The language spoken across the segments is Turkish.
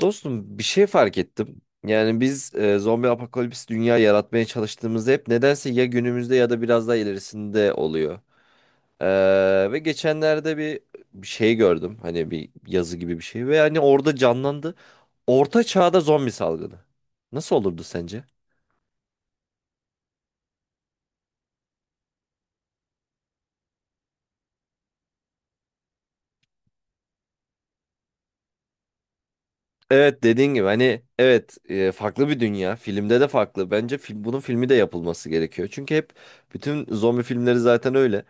Dostum bir şey fark ettim. Yani biz zombi apokalips dünya yaratmaya çalıştığımızda hep nedense ya günümüzde ya da biraz daha ilerisinde oluyor. Ve geçenlerde bir şey gördüm. Hani bir yazı gibi bir şey ve hani orada canlandı. Orta çağda zombi salgını. Nasıl olurdu sence? Evet dediğin gibi hani evet, farklı bir dünya. Filmde de farklı. Bence film, bunun filmi de yapılması gerekiyor. Çünkü hep bütün zombi filmleri zaten öyle.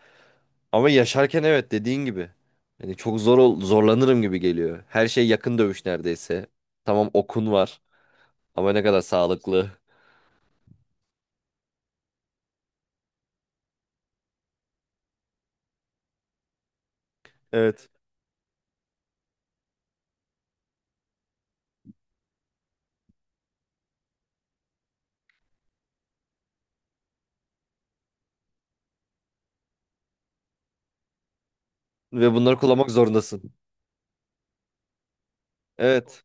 Ama yaşarken evet dediğin gibi. Hani çok zor zorlanırım gibi geliyor. Her şey yakın dövüş neredeyse. Tamam, okun var ama ne kadar sağlıklı. Evet. Ve bunları kullanmak zorundasın. Evet.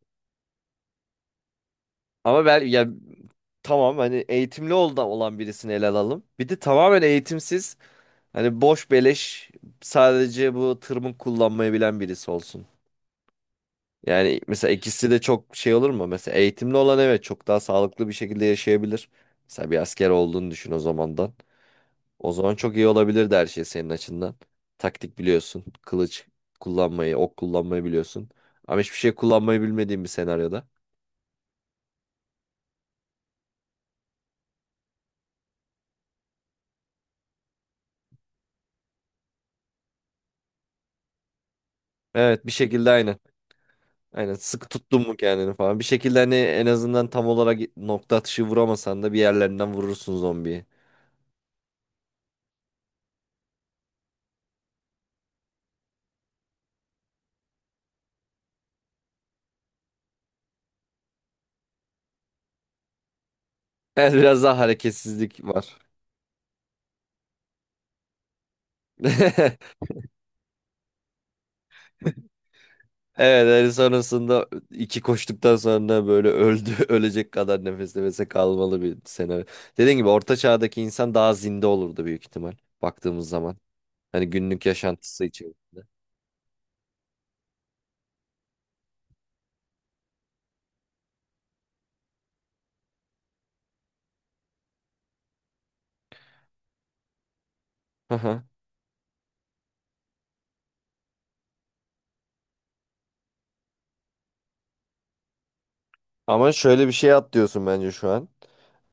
Ama ben ya, tamam, hani eğitimli olda olan birisini ele alalım. Bir de tamamen eğitimsiz, hani boş beleş, sadece bu tırmık kullanmayı bilen birisi olsun. Yani mesela ikisi de çok şey olur mu? Mesela eğitimli olan evet çok daha sağlıklı bir şekilde yaşayabilir. Mesela bir asker olduğunu düşün o zaman da. O zaman çok iyi olabilirdi her şey senin açından. Taktik biliyorsun. Kılıç kullanmayı, ok kullanmayı biliyorsun. Ama hiçbir şey kullanmayı bilmediğin bir senaryoda. Evet, bir şekilde aynen. Aynen, sıkı tuttun mu kendini falan. Bir şekilde hani en azından tam olarak nokta atışı vuramasan da bir yerlerinden vurursun zombiyi. Evet, biraz daha hareketsizlik var. Evet, hani sonrasında iki koştuktan sonra böyle öldü ölecek kadar nefes nefese kalmalı bir senaryo. Dediğim gibi orta çağdaki insan daha zinde olurdu büyük ihtimal baktığımız zaman. Hani günlük yaşantısı içerisinde. Hı hı. Ama şöyle bir şey atlıyorsun bence şu an.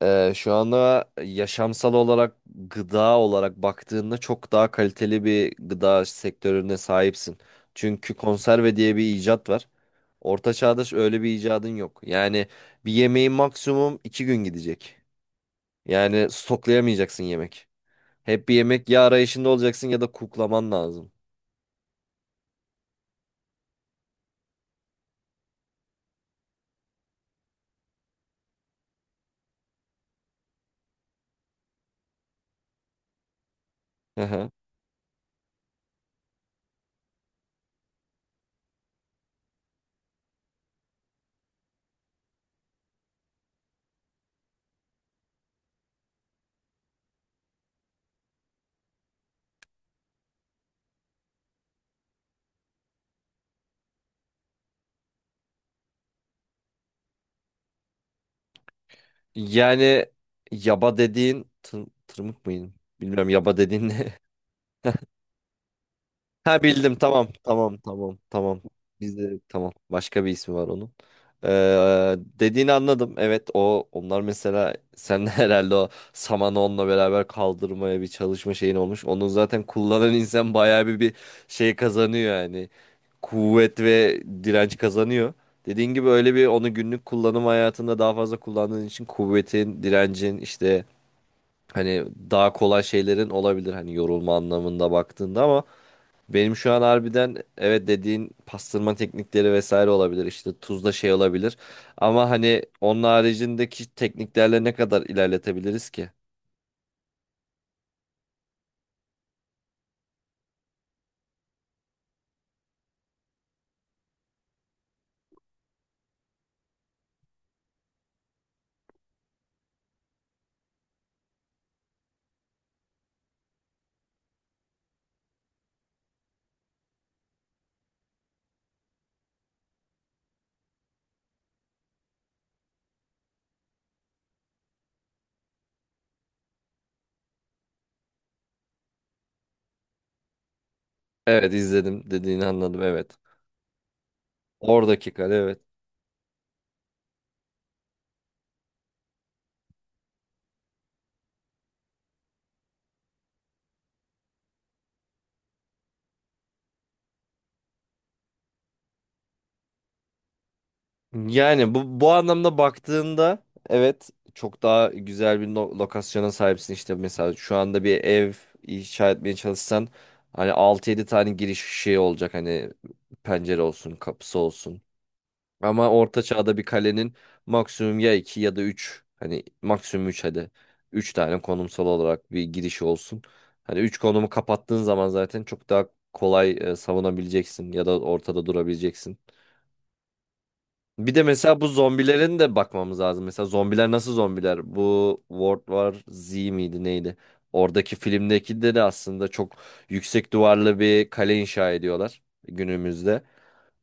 Şu anda yaşamsal olarak gıda olarak baktığında çok daha kaliteli bir gıda sektörüne sahipsin. Çünkü konserve diye bir icat var. Orta çağda öyle bir icadın yok. Yani bir yemeğin maksimum iki gün gidecek. Yani stoklayamayacaksın yemek. Hep bir yemek ya arayışında olacaksın ya da kuklaman lazım. Aha. Yani yaba dediğin tırmık mıydı? Bilmiyorum, yaba dediğin ne? Ha bildim, tamam tamam tamam tamam. Bizde tamam, başka bir ismi var onun. Dediğini anladım. Evet, o onlar mesela sen de herhalde o samanı onunla beraber kaldırmaya bir çalışma şeyin olmuş. Onu zaten kullanan insan bayağı bir şey kazanıyor yani. Kuvvet ve direnç kazanıyor. Dediğin gibi öyle bir onu günlük kullanım hayatında daha fazla kullandığın için kuvvetin, direncin işte, hani daha kolay şeylerin olabilir hani yorulma anlamında baktığında, ama benim şu an harbiden evet dediğin pastırma teknikleri vesaire olabilir, işte tuzla şey olabilir, ama hani onun haricindeki tekniklerle ne kadar ilerletebiliriz ki? Evet izledim, dediğini anladım, evet. Oradaki kare, evet. Yani bu anlamda baktığında evet çok daha güzel bir lokasyona sahipsin. İşte mesela şu anda bir ev inşa etmeye çalışsan hani altı yedi tane giriş şey olacak, hani pencere olsun kapısı olsun. Ama orta çağda bir kalenin maksimum ya 2 ya da üç, hani maksimum 3 hadi, 3 tane konumsal olarak bir girişi olsun. Hani 3 konumu kapattığın zaman zaten çok daha kolay savunabileceksin ya da ortada durabileceksin. Bir de mesela bu zombilerin de bakmamız lazım. Mesela zombiler nasıl zombiler? Bu World War Z miydi neydi? Oradaki filmdeki de aslında çok yüksek duvarlı bir kale inşa ediyorlar günümüzde.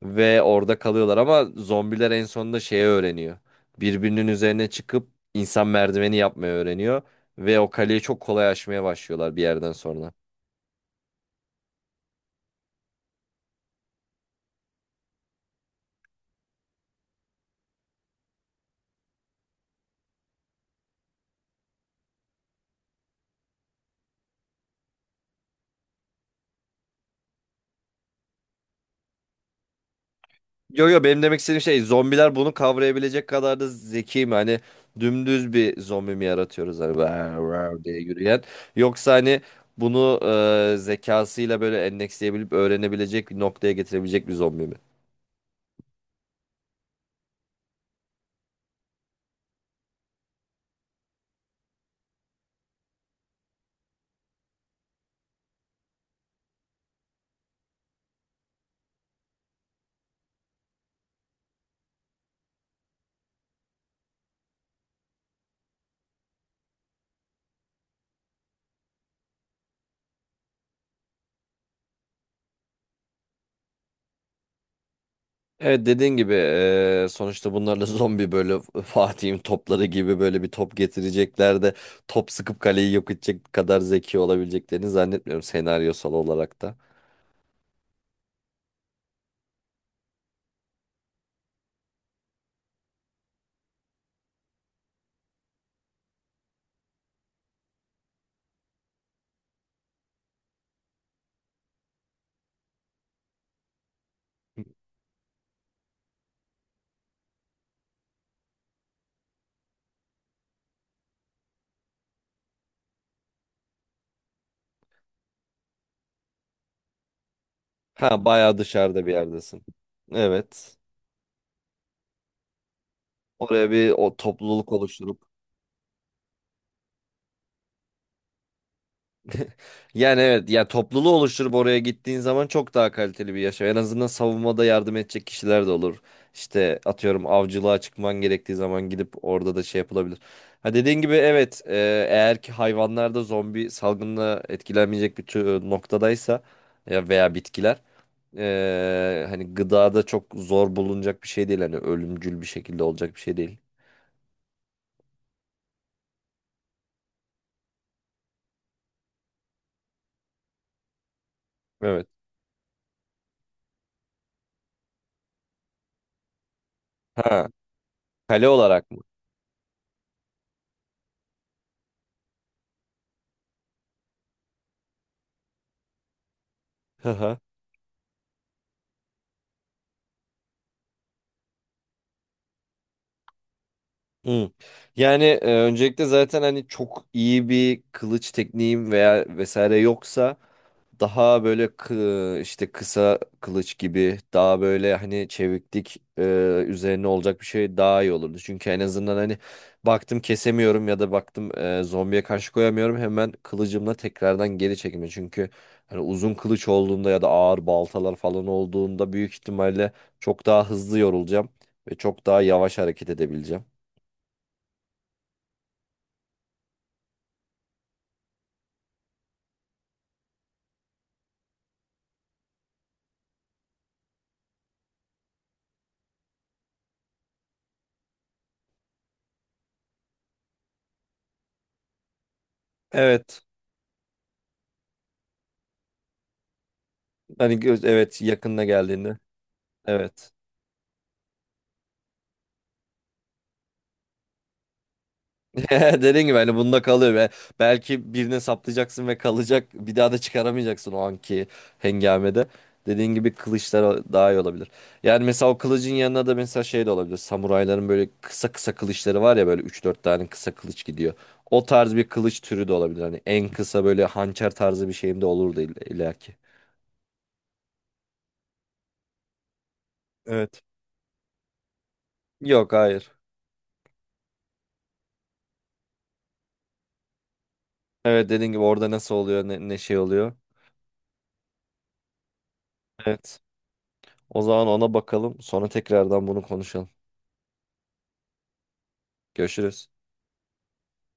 Ve orada kalıyorlar ama zombiler en sonunda şeyi öğreniyor. Birbirinin üzerine çıkıp insan merdiveni yapmayı öğreniyor. Ve o kaleyi çok kolay aşmaya başlıyorlar bir yerden sonra. Yo yo, benim demek istediğim şey, zombiler bunu kavrayabilecek kadar da zeki mi? Hani dümdüz bir zombi mi yaratıyoruz hani "Vav, vav" diye yürüyen. Yoksa hani bunu zekasıyla böyle endeksleyebilip öğrenebilecek bir noktaya getirebilecek bir zombi mi? Evet dediğin gibi, sonuçta bunlarla zombi böyle Fatih'in topları gibi böyle bir top getirecekler de top sıkıp kaleyi yok edecek kadar zeki olabileceklerini zannetmiyorum, senaryosal olarak da. Ha bayağı dışarıda bir yerdesin. Evet. Oraya bir o topluluk oluşturup. Yani evet ya, topluluğu oluşturup oraya gittiğin zaman çok daha kaliteli bir yaşam. En azından savunmada yardım edecek kişiler de olur. İşte atıyorum avcılığa çıkman gerektiği zaman gidip orada da şey yapılabilir. Ha dediğin gibi evet, eğer ki hayvanlar da zombi salgınla etkilenmeyecek bir tür noktadaysa ya veya bitkiler, hani gıda da çok zor bulunacak bir şey değil. Hani ölümcül bir şekilde olacak bir şey değil. Evet. Ha, kale olarak mı? Hmm. Yani öncelikle zaten hani çok iyi bir kılıç tekniğim veya vesaire yoksa daha böyle işte kısa kılıç gibi daha böyle hani çeviklik üzerine olacak bir şey daha iyi olurdu. Çünkü en azından hani baktım kesemiyorum ya da baktım, zombiye karşı koyamıyorum, hemen kılıcımla tekrardan geri çekme. Çünkü hani uzun kılıç olduğunda ya da ağır baltalar falan olduğunda büyük ihtimalle çok daha hızlı yorulacağım ve çok daha yavaş hareket edebileceğim. Evet. Hani göz, evet, yakınına geldiğinde. Evet. Dediğin gibi hani bunda kalıyor ve belki birine saplayacaksın ve kalacak. Bir daha da çıkaramayacaksın o anki hengamede. Dediğin gibi kılıçlar daha iyi olabilir. Yani mesela o kılıcın yanına da mesela şey de olabilir. Samurayların böyle kısa kısa kılıçları var ya, böyle üç dört tane kısa kılıç gidiyor. O tarz bir kılıç türü de olabilir. Hani en kısa böyle hançer tarzı bir şeyim de olurdu illaki. Evet. Yok, hayır. Evet dediğin gibi orada nasıl oluyor, ne şey oluyor. Evet. O zaman ona bakalım. Sonra tekrardan bunu konuşalım. Görüşürüz.